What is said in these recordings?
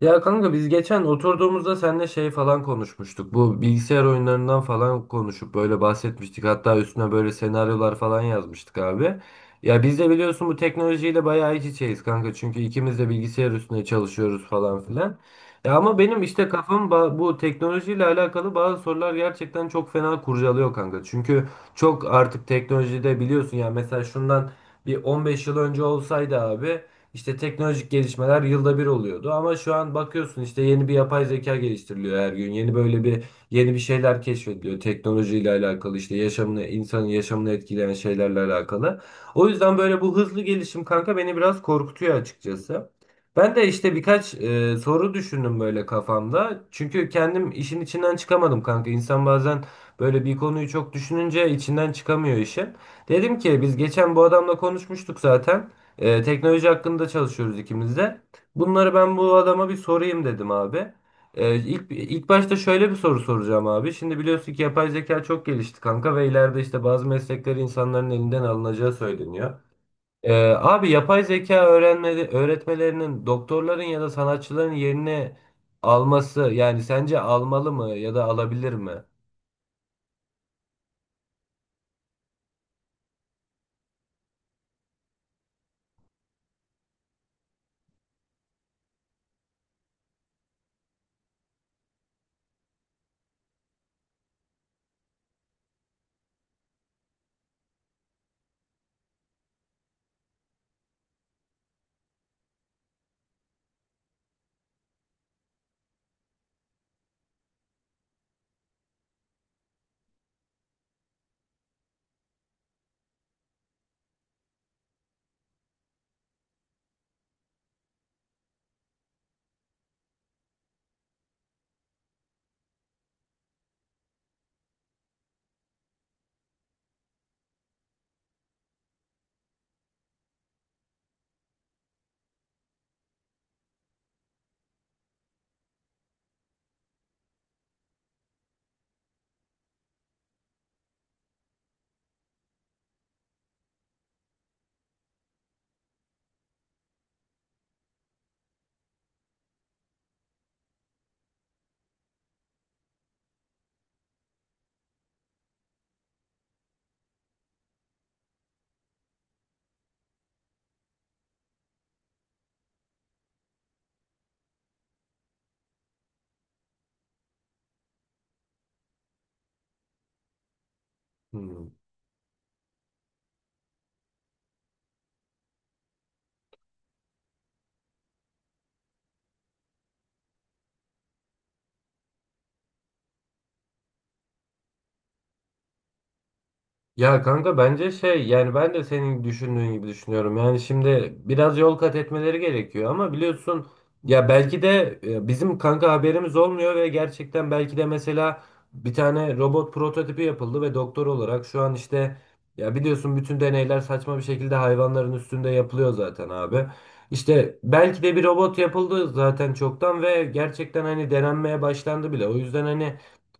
Ya kanka biz geçen oturduğumuzda seninle şey falan konuşmuştuk. Bu bilgisayar oyunlarından falan konuşup böyle bahsetmiştik. Hatta üstüne böyle senaryolar falan yazmıştık abi. Ya biz de biliyorsun bu teknolojiyle bayağı iç içeyiz kanka. Çünkü ikimiz de bilgisayar üstüne çalışıyoruz falan filan. Ya ama benim işte kafam bu teknolojiyle alakalı bazı sorular gerçekten çok fena kurcalıyor kanka. Çünkü çok artık teknolojide biliyorsun ya mesela şundan bir 15 yıl önce olsaydı abi işte teknolojik gelişmeler yılda bir oluyordu ama şu an bakıyorsun işte yeni bir yapay zeka geliştiriliyor her gün. Yeni bir şeyler keşfediliyor teknolojiyle alakalı işte insanın yaşamını etkileyen şeylerle alakalı. O yüzden böyle bu hızlı gelişim kanka beni biraz korkutuyor açıkçası. Ben de işte birkaç soru düşündüm böyle kafamda. Çünkü kendim işin içinden çıkamadım kanka. İnsan bazen böyle bir konuyu çok düşününce içinden çıkamıyor işin. Dedim ki biz geçen bu adamla konuşmuştuk zaten. Teknoloji hakkında çalışıyoruz ikimiz de. Bunları ben bu adama bir sorayım dedim abi. İlk, ilk başta şöyle bir soru soracağım abi. Şimdi biliyorsun ki yapay zeka çok gelişti kanka ve ileride işte bazı meslekler insanların elinden alınacağı söyleniyor. Abi yapay zeka öğrenme, öğretmelerinin doktorların ya da sanatçıların yerini alması, yani sence almalı mı ya da alabilir mi? Hmm. Ya kanka bence şey, yani ben de senin düşündüğün gibi düşünüyorum. Yani şimdi biraz yol kat etmeleri gerekiyor ama biliyorsun ya belki de bizim kanka haberimiz olmuyor ve gerçekten belki de mesela bir tane robot prototipi yapıldı ve doktor olarak şu an işte, ya biliyorsun bütün deneyler saçma bir şekilde hayvanların üstünde yapılıyor zaten abi. İşte belki de bir robot yapıldı zaten çoktan ve gerçekten hani denenmeye başlandı bile. O yüzden hani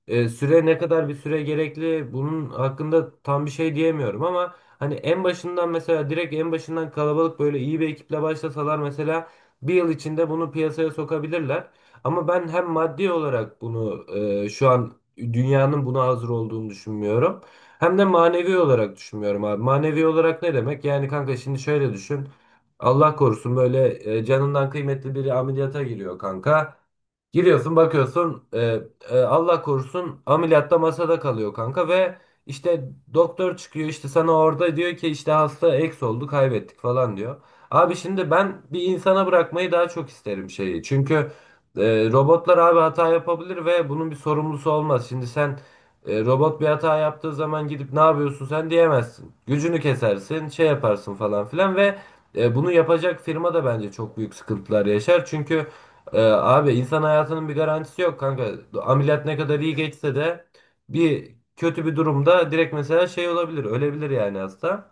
süre gerekli, bunun hakkında tam bir şey diyemiyorum ama hani en başından kalabalık böyle iyi bir ekiple başlasalar mesela bir yıl içinde bunu piyasaya sokabilirler. Ama ben hem maddi olarak bunu şu an dünyanın buna hazır olduğunu düşünmüyorum. Hem de manevi olarak düşünmüyorum abi. Manevi olarak ne demek? Yani kanka şimdi şöyle düşün. Allah korusun böyle canından kıymetli biri ameliyata giriyor kanka. Giriyorsun, bakıyorsun Allah korusun ameliyatta masada kalıyor kanka ve işte doktor çıkıyor, işte sana orada diyor ki işte hasta eks oldu, kaybettik falan diyor. Abi şimdi ben bir insana bırakmayı daha çok isterim şeyi. Çünkü e, robotlar abi hata yapabilir ve bunun bir sorumlusu olmaz. Şimdi sen robot bir hata yaptığı zaman gidip ne yapıyorsun sen diyemezsin. Gücünü kesersin, şey yaparsın falan filan ve bunu yapacak firma da bence çok büyük sıkıntılar yaşar. Çünkü abi insan hayatının bir garantisi yok kanka. Ameliyat ne kadar iyi geçse de bir kötü bir durumda direkt mesela şey olabilir, ölebilir yani hasta.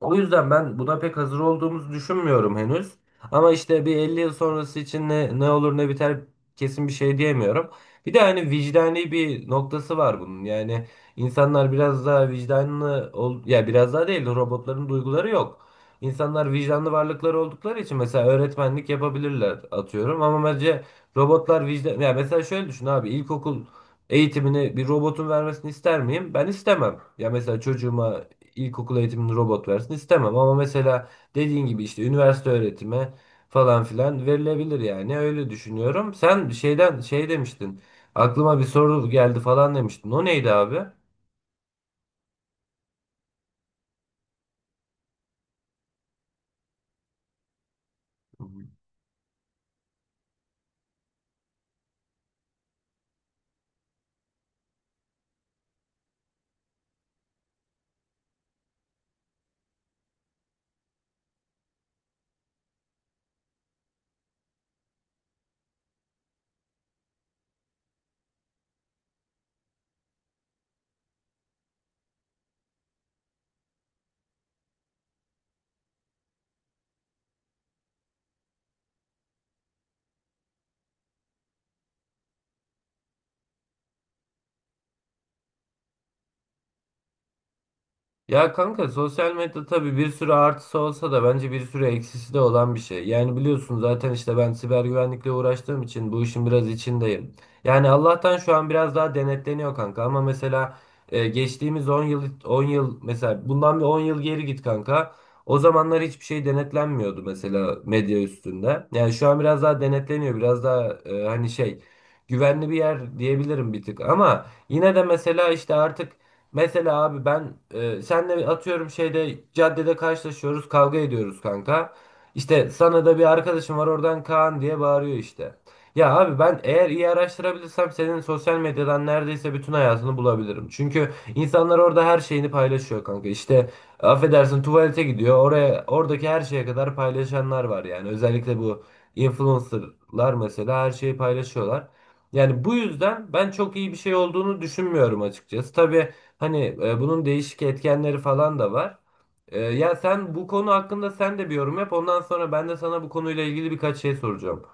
O yüzden ben buna pek hazır olduğumuzu düşünmüyorum henüz. Ama işte bir 50 yıl sonrası için ne olur ne biter kesin bir şey diyemiyorum. Bir de hani vicdani bir noktası var bunun. Yani insanlar biraz daha vicdanlı ol ya, biraz daha değil, robotların duyguları yok. İnsanlar vicdanlı varlıklar oldukları için mesela öğretmenlik yapabilirler atıyorum ama bence robotlar vicdan, ya mesela şöyle düşün abi, ilkokul eğitimini bir robotun vermesini ister miyim? Ben istemem. Ya mesela çocuğuma ilkokul eğitimini robot versin istemem ama mesela dediğin gibi işte üniversite öğretimi falan filan verilebilir, yani öyle düşünüyorum. Sen şeyden şey demiştin, aklıma bir soru geldi falan demiştin, o neydi abi? Ya kanka sosyal medya tabii bir sürü artısı olsa da bence bir sürü eksisi de olan bir şey. Yani biliyorsun zaten işte ben siber güvenlikle uğraştığım için bu işin biraz içindeyim. Yani Allah'tan şu an biraz daha denetleniyor kanka ama mesela geçtiğimiz 10 yıl 10 yıl mesela bundan bir 10 yıl geri git kanka. O zamanlar hiçbir şey denetlenmiyordu mesela medya üstünde. Yani şu an biraz daha denetleniyor, biraz daha güvenli bir yer diyebilirim bir tık ama yine de mesela işte artık. Mesela abi ben senle atıyorum şeyde, caddede karşılaşıyoruz, kavga ediyoruz kanka. İşte sana da bir arkadaşım var oradan, Kaan diye bağırıyor işte. Ya abi ben eğer iyi araştırabilirsem senin sosyal medyadan neredeyse bütün hayatını bulabilirim. Çünkü insanlar orada her şeyini paylaşıyor kanka. İşte affedersin tuvalete gidiyor, oraya oradaki her şeye kadar paylaşanlar var yani. Özellikle bu influencerlar mesela her şeyi paylaşıyorlar. Yani bu yüzden ben çok iyi bir şey olduğunu düşünmüyorum açıkçası. Tabii hani bunun değişik etkenleri falan da var. Ya sen bu konu hakkında sen de bir yorum yap. Ondan sonra ben de sana bu konuyla ilgili birkaç şey soracağım.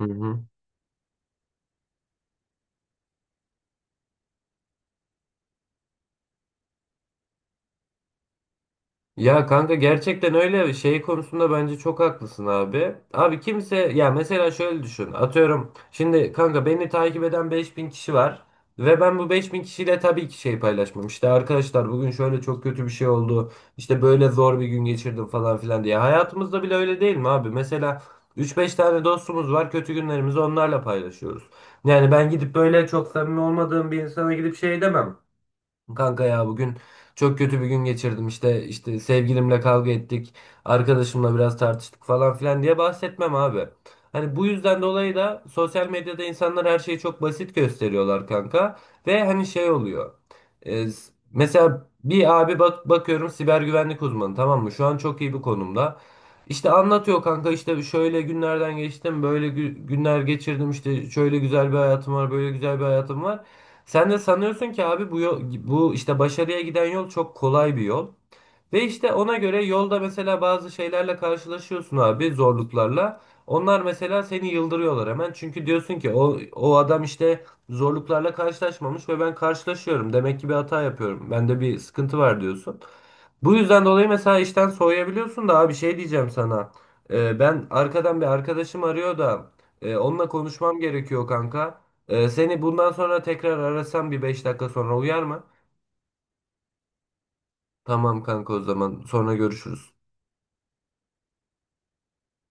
Hı hı. Ya kanka gerçekten öyle şey konusunda bence çok haklısın abi. Abi kimse, ya mesela şöyle düşün. Atıyorum şimdi kanka beni takip eden 5000 kişi var ve ben bu 5000 kişiyle tabii ki şey paylaşmam. İşte arkadaşlar bugün şöyle çok kötü bir şey oldu. İşte böyle zor bir gün geçirdim falan filan diye. Hayatımızda bile öyle değil mi abi? Mesela 3-5 tane dostumuz var. Kötü günlerimizi onlarla paylaşıyoruz. Yani ben gidip böyle çok samimi olmadığım bir insana gidip şey demem. Kanka ya bugün çok kötü bir gün geçirdim, işte sevgilimle kavga ettik, arkadaşımla biraz tartıştık falan filan diye bahsetmem abi. Hani bu yüzden dolayı da sosyal medyada insanlar her şeyi çok basit gösteriyorlar kanka ve hani şey oluyor. Mesela bir abi bak, bakıyorum siber güvenlik uzmanı, tamam mı? Şu an çok iyi bir konumda. İşte anlatıyor kanka, işte şöyle günlerden geçtim, böyle günler geçirdim, işte şöyle güzel bir hayatım var böyle güzel bir hayatım var. Sen de sanıyorsun ki abi bu yol, bu işte başarıya giden yol çok kolay bir yol. Ve işte ona göre yolda mesela bazı şeylerle karşılaşıyorsun abi, zorluklarla. Onlar mesela seni yıldırıyorlar hemen. Çünkü diyorsun ki o adam işte zorluklarla karşılaşmamış ve ben karşılaşıyorum. Demek ki bir hata yapıyorum. Bende bir sıkıntı var diyorsun. Bu yüzden dolayı mesela işten soğuyabiliyorsun da abi, şey diyeceğim sana. Ben arkadan bir arkadaşım arıyor da onunla konuşmam gerekiyor kanka. Seni bundan sonra tekrar arasam bir 5 dakika sonra uyar mı? Tamam kanka, o zaman sonra görüşürüz.